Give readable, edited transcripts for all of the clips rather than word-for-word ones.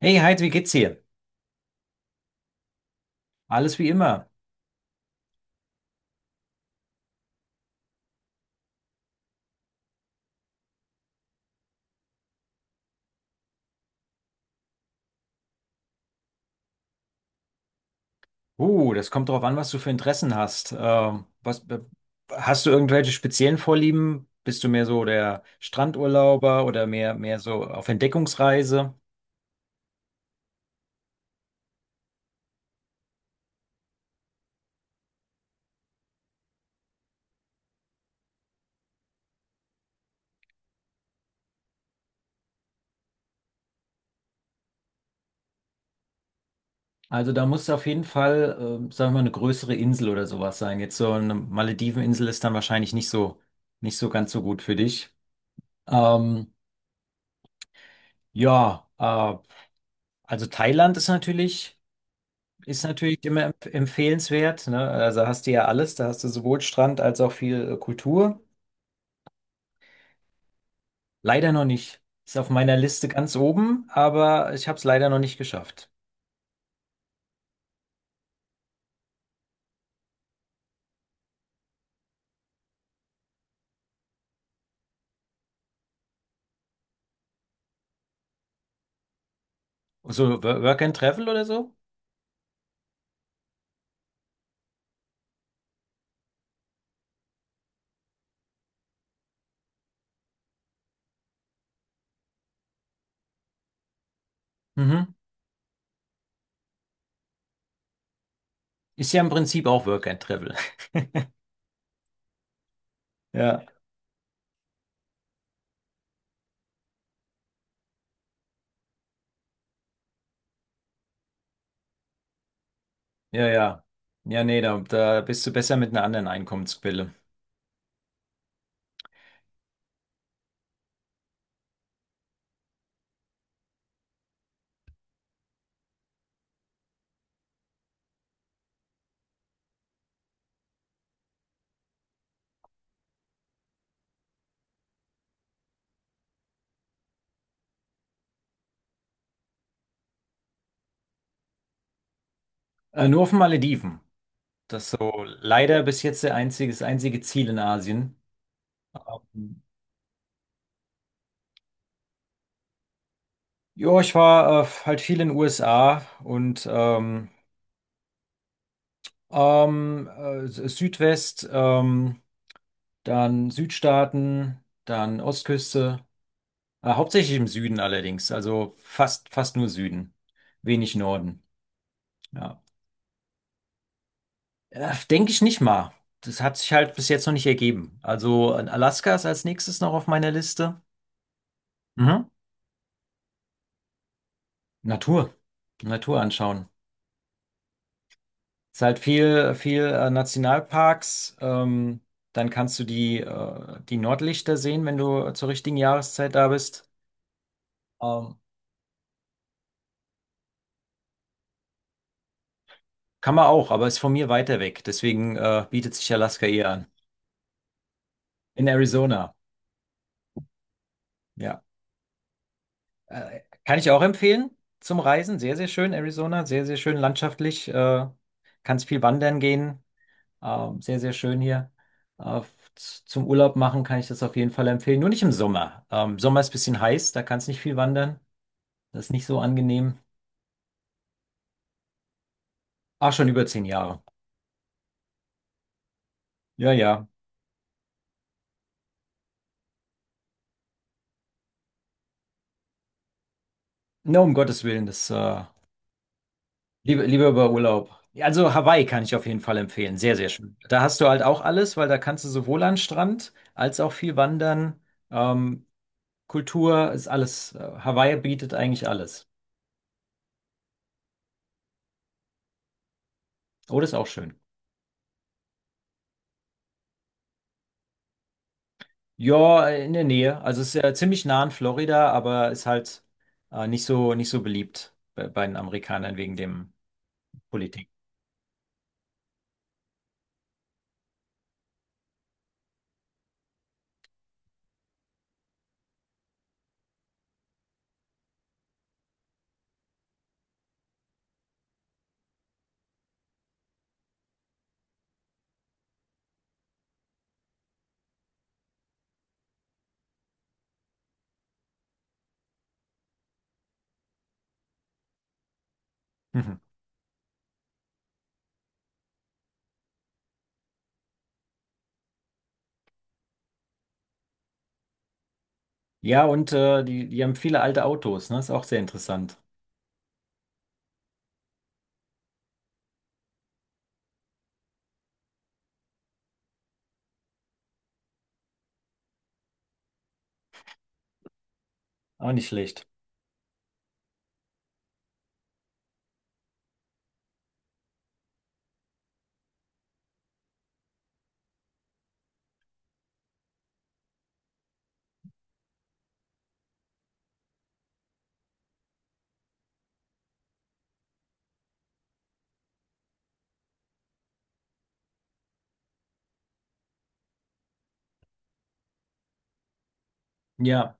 Hey Heid, wie geht's dir? Alles wie immer. Das kommt drauf an, was du für Interessen hast. Was, hast du irgendwelche speziellen Vorlieben? Bist du mehr so der Strandurlauber oder mehr so auf Entdeckungsreise? Also da muss auf jeden Fall, sagen wir mal, eine größere Insel oder sowas sein. Jetzt so eine Malediveninsel ist dann wahrscheinlich nicht so ganz so gut für dich. Ähm, ja, äh, also Thailand ist natürlich. Ist natürlich immer empfehlenswert, ne? Also hast du ja alles, da hast du sowohl Strand als auch viel Kultur. Leider noch nicht. Ist auf meiner Liste ganz oben, aber ich habe es leider noch nicht geschafft. So Work and Travel oder so? Mhm. Ist ja im Prinzip auch Work and Travel. Ja, ja, ja. Ja, nee, da bist du besser mit einer anderen Einkommensquelle. Nur auf den Malediven. Das ist so leider bis jetzt das einzige Ziel in Asien. Ähm, ja, ich war halt viel in den USA und Ähm, äh, Südwest, dann Südstaaten, dann Ostküste. Hauptsächlich im Süden allerdings, also fast nur Süden, wenig Norden. Ja. Denke ich nicht mal. Das hat sich halt bis jetzt noch nicht ergeben. Also Alaska ist als nächstes noch auf meiner Liste. Mhm. Natur, Natur anschauen. Ist halt viel Nationalparks. Dann kannst du die Nordlichter sehen, wenn du zur richtigen Jahreszeit da bist. Ähm, Kann man auch, aber ist von mir weiter weg. Deswegen bietet sich Alaska eher an. In Arizona, ja. Kann ich auch empfehlen zum Reisen. Sehr schön, Arizona. Sehr schön landschaftlich. Kannst viel wandern gehen. Sehr schön hier. Äh, Zum Urlaub machen kann ich das auf jeden Fall empfehlen. Nur nicht im Sommer. Sommer ist ein bisschen heiß, da kannst nicht viel wandern. Das ist nicht so angenehm. Ach, schon über zehn Jahre. Ja. Na, um Gottes Willen, lieber über Urlaub. Also Hawaii kann ich auf jeden Fall empfehlen. Sehr schön. Da hast du halt auch alles, weil da kannst du sowohl an Strand als auch viel wandern. Ähm, Kultur ist alles. Hawaii bietet eigentlich alles. Oh, das ist auch schön. Ja, in der Nähe. Also es ist ja ziemlich nah an Florida, aber ist halt nicht so beliebt bei den Amerikanern wegen dem Politik. Mhm. Ja, und die haben viele alte Autos, ne? Ist auch sehr interessant. Auch nicht schlecht. Ja.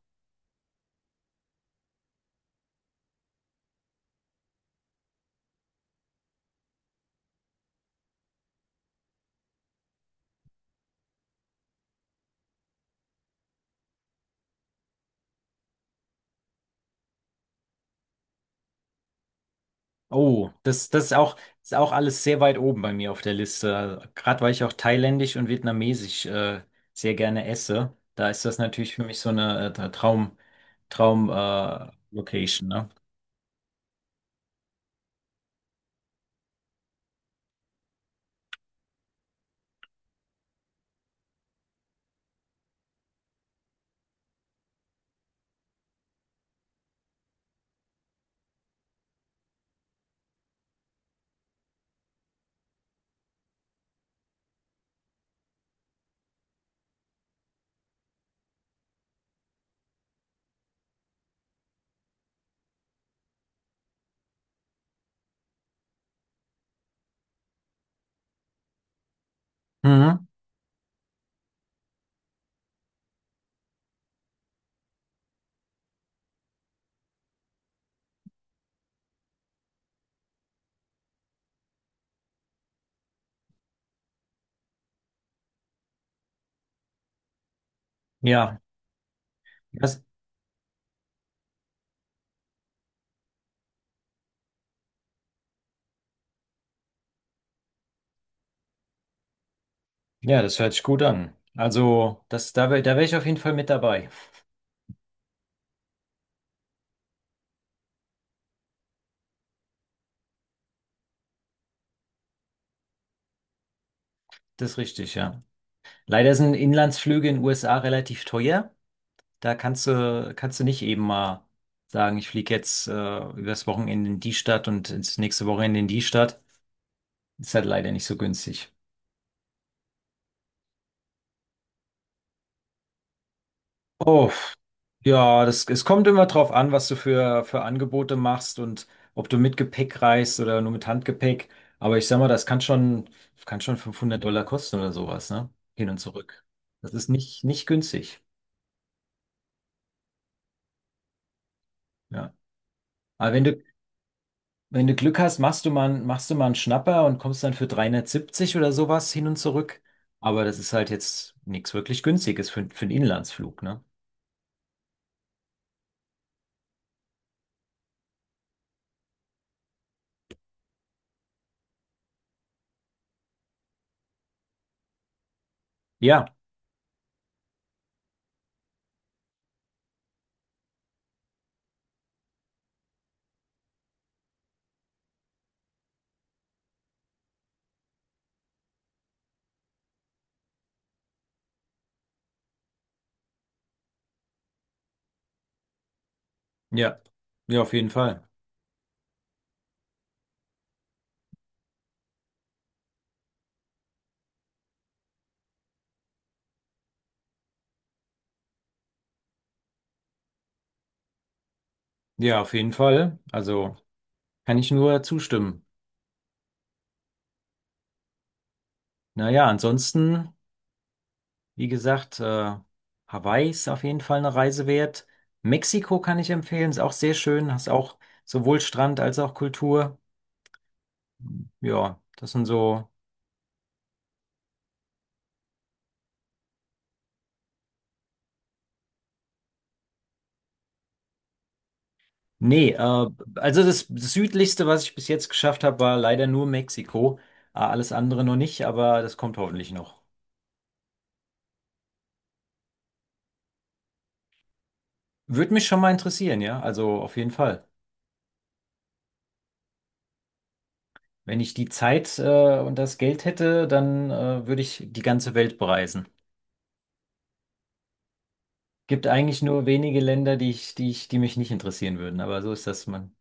Das ist auch alles sehr weit oben bei mir auf der Liste. Gerade weil ich auch thailändisch und vietnamesisch sehr gerne esse, da ist das natürlich für mich so eine Traum Location, ne? Mhm. Ja, das, ja, das hört sich gut an. Da wär ich auf jeden Fall mit dabei. Das ist richtig, ja. Leider sind Inlandsflüge in den USA relativ teuer. Da kannst du nicht eben mal sagen, ich fliege jetzt übers Wochenende in die Stadt und ins nächste Wochenende in die Stadt. Ist halt leider nicht so günstig. Oh, ja, es kommt immer drauf an, was du für Angebote machst und ob du mit Gepäck reist oder nur mit Handgepäck. Aber ich sag mal, kann schon 500$ kosten oder sowas, ne? Hin und zurück. Das ist nicht günstig. Ja. Aber wenn du, Wenn du Glück hast, machst du mal einen Schnapper und kommst dann für 370 oder sowas hin und zurück. Aber das ist halt jetzt nichts wirklich Günstiges für einen Inlandsflug, ne? Ja, ja, ja, auf jeden Fall. Ja, auf jeden Fall. Also kann ich nur zustimmen. Naja, ansonsten, wie gesagt, Hawaii ist auf jeden Fall eine Reise wert. Mexiko kann ich empfehlen, ist auch sehr schön, hast auch sowohl Strand als auch Kultur. Ja, das sind so. Nee, also das südlichste, was ich bis jetzt geschafft habe, war leider nur Mexiko. Alles andere noch nicht, aber das kommt hoffentlich noch. Würde mich schon mal interessieren, ja. Also auf jeden Fall. Wenn ich die Zeit, und das Geld hätte, dann, würde ich die ganze Welt bereisen. Gibt eigentlich nur wenige Länder, die mich nicht interessieren würden, aber so ist das, man.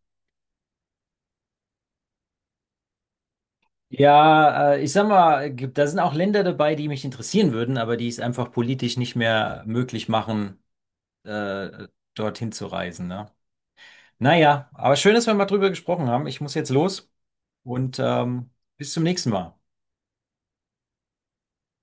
Ja, ich sag mal, gibt, da sind auch Länder dabei, die mich interessieren würden, aber die es einfach politisch nicht mehr möglich machen, äh, dorthin zu reisen, ne? Naja, aber schön, dass wir mal drüber gesprochen haben. Ich muss jetzt los und bis zum nächsten Mal.